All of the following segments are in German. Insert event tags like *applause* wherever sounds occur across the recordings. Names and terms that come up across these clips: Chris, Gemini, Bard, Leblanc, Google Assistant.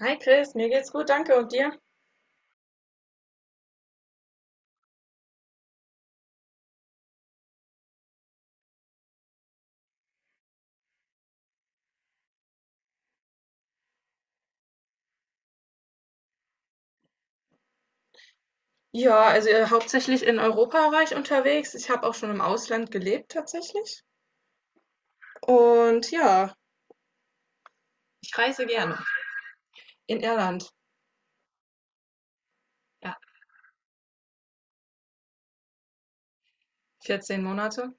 Hi Chris, mir geht's gut, danke. Und dir? Ja, also hauptsächlich in Europa war ich unterwegs. Ich habe auch schon im Ausland gelebt tatsächlich. Und ja, ich reise gerne. In Irland. Ja, 14 Monate.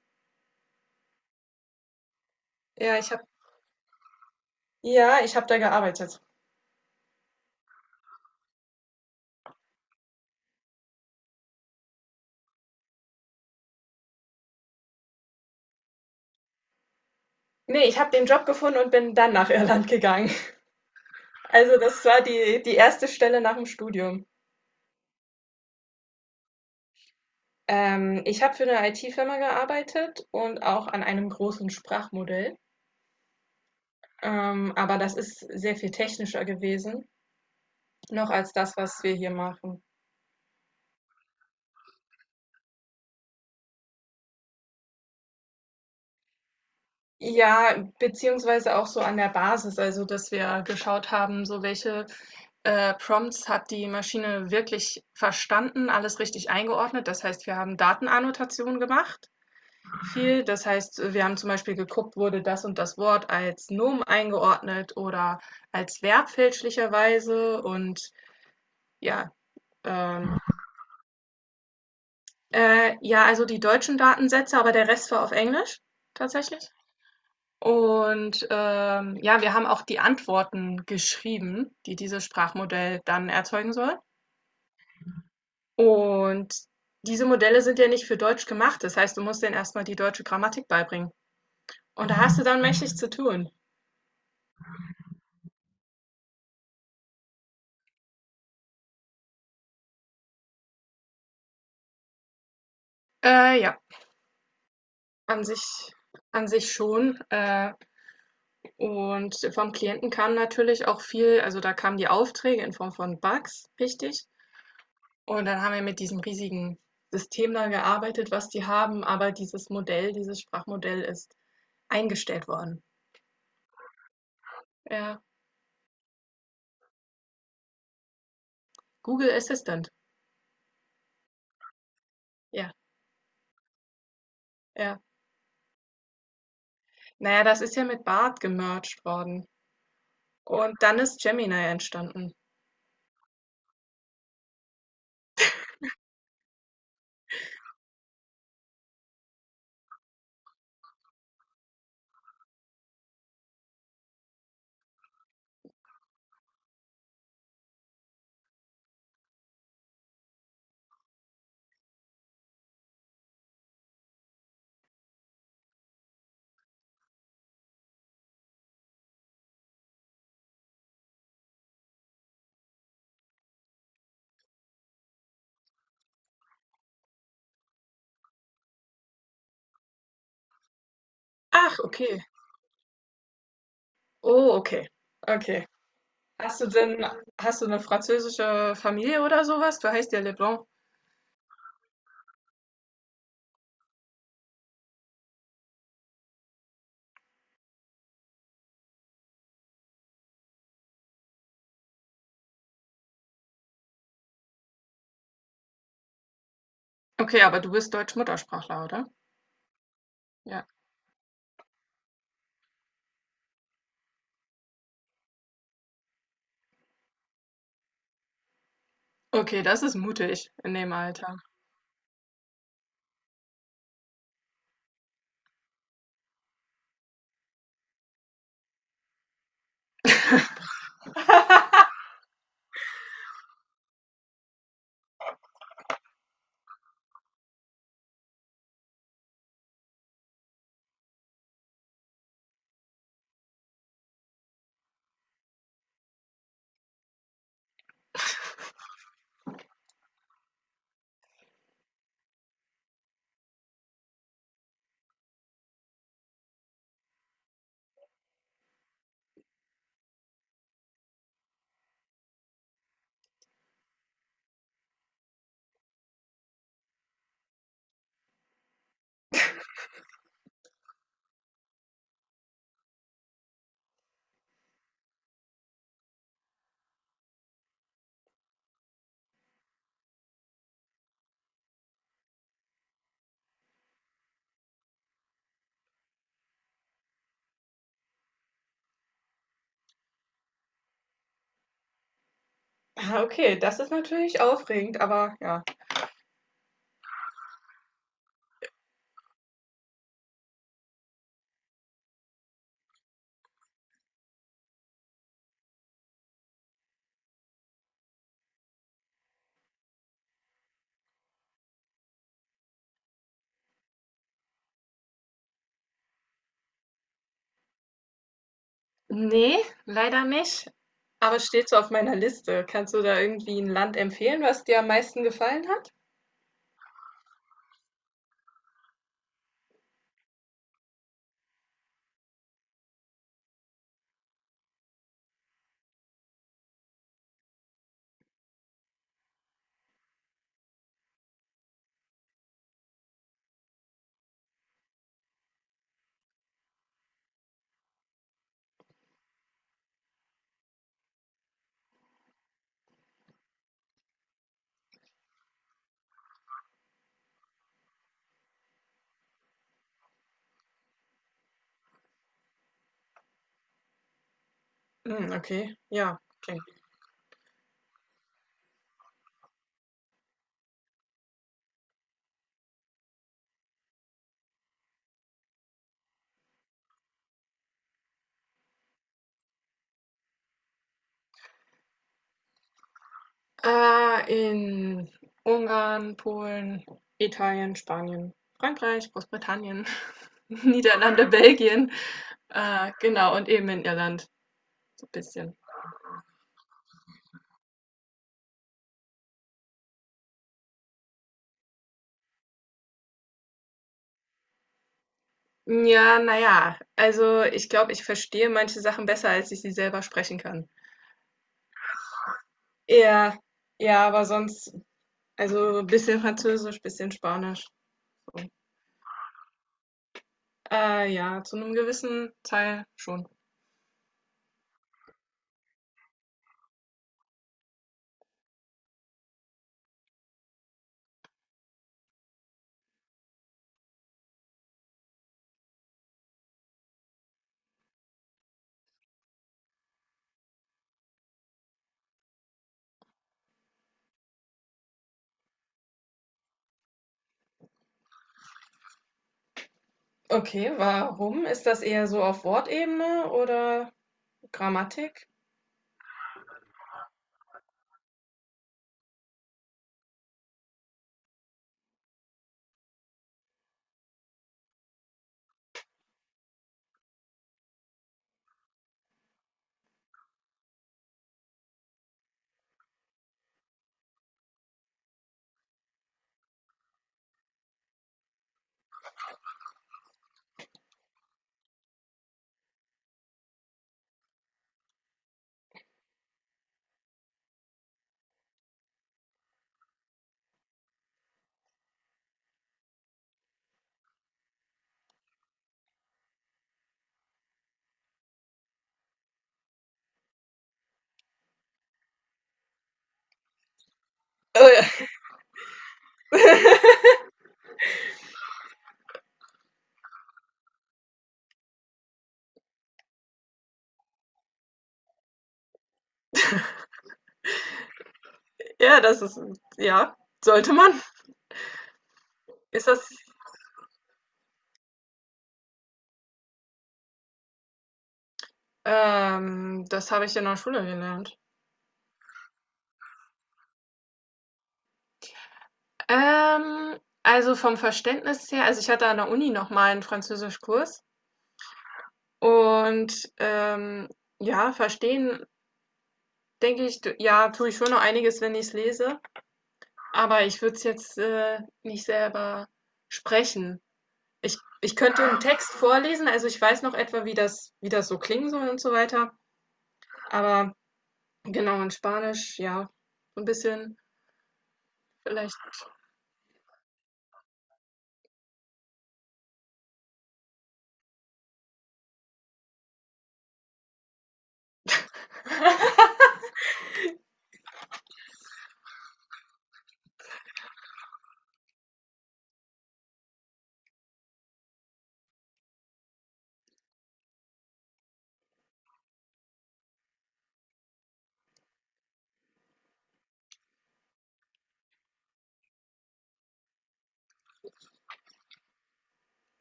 Ja, ich habe ja, ich habe da gearbeitet. Nee, ich habe den Job gefunden und bin dann nach Irland gegangen. *laughs* Also das war die erste Stelle nach dem Studium. Ich habe für eine IT-Firma gearbeitet und auch an einem großen Sprachmodell. Aber das ist sehr viel technischer gewesen. Noch als das, was wir hier machen. Ja, beziehungsweise auch so an der Basis, also dass wir geschaut haben, so welche Prompts hat die Maschine wirklich verstanden, alles richtig eingeordnet. Das heißt, wir haben Datenannotationen gemacht, viel. Das heißt, wir haben zum Beispiel geguckt, wurde das und das Wort als Nomen eingeordnet oder als Verb fälschlicherweise ja, ähm, ja, also die deutschen Datensätze, aber der Rest war auf Englisch tatsächlich. Und, ja, wir haben auch die Antworten geschrieben, die dieses Sprachmodell dann erzeugen soll. Und diese Modelle sind ja nicht für Deutsch gemacht. Das heißt, du musst denen erst mal die deutsche Grammatik beibringen. Und da hast du dann mächtig zu tun. Ja, an sich an sich schon. Und vom Klienten kam natürlich auch viel, also da kamen die Aufträge in Form von Bugs, richtig. Und dann haben wir mit diesem riesigen System da gearbeitet, was die haben. Aber dieses Modell, dieses Sprachmodell ist eingestellt worden. Ja. Google Assistant. Ja, ja. Naja, das ist ja mit Bard gemerged worden und dann ist Gemini entstanden. Ach, okay. Oh, okay. Okay. Hast du denn hast du eine französische Familie oder sowas? Du heißt ja Leblanc. Okay, aber du bist Deutsch-Muttersprachler, oder? Ja. Okay, das ist mutig in dem Alter. *laughs* Ah, okay, das ist natürlich aufregend, aber ja. Nee, leider nicht. Aber steht so auf meiner Liste. Kannst du da irgendwie ein Land empfehlen, was dir am meisten gefallen hat? Hm, okay, ja, klingt gut. In Ungarn, Polen, Italien, Spanien, Frankreich, Großbritannien, *laughs* Niederlande, Belgien, genau, und eben in Irland, so ein bisschen. Ja, naja, also ich glaube, ich verstehe manche Sachen besser, als ich sie selber sprechen kann. Ja, ja, aber sonst, also ein bisschen Französisch, bisschen Spanisch. So. Ja, zu einem gewissen Teil schon. Okay, warum? Ist das eher so auf Wortebene oder Grammatik? Äh, ja, das ist, ja, sollte man. Ist das, Das habe ich in der Schule gelernt. Also vom Verständnis her, also ich hatte an der Uni nochmal einen Französischkurs und ja, verstehen, denke ich, ja, tue ich schon noch einiges, wenn ich es lese. Aber ich würde es jetzt, nicht selber sprechen. Ich könnte einen Text vorlesen, also ich weiß noch etwa, wie das so klingen soll und so weiter. Aber genau, in Spanisch, ja, so 'n bisschen vielleicht. *laughs*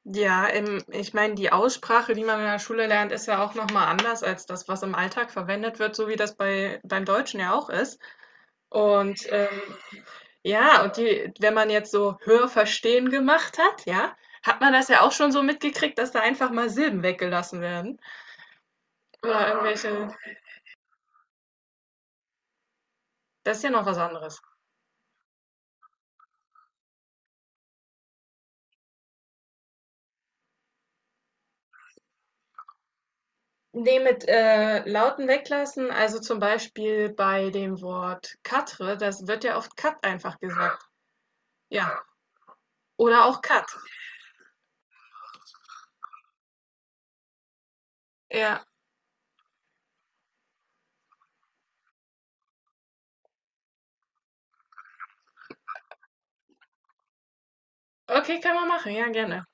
Ja, ich meine, die Aussprache, die man in der Schule lernt, ist ja auch noch mal anders als das, was im Alltag verwendet wird, so wie das beim Deutschen ja auch ist. Und, ähm Ja, und die, wenn man jetzt so Hörverstehen gemacht hat, ja, hat man das ja auch schon so mitgekriegt, dass da einfach mal Silben weggelassen werden oder irgendwelche, das ist ja noch was anderes. Ne, mit, Lauten weglassen, also zum Beispiel bei dem Wort Katre, das wird ja oft Kat einfach gesagt. Ja, oder auch Kat. Ja, okay, kann man machen. Ja, gerne.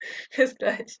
*laughs* Bis gleich.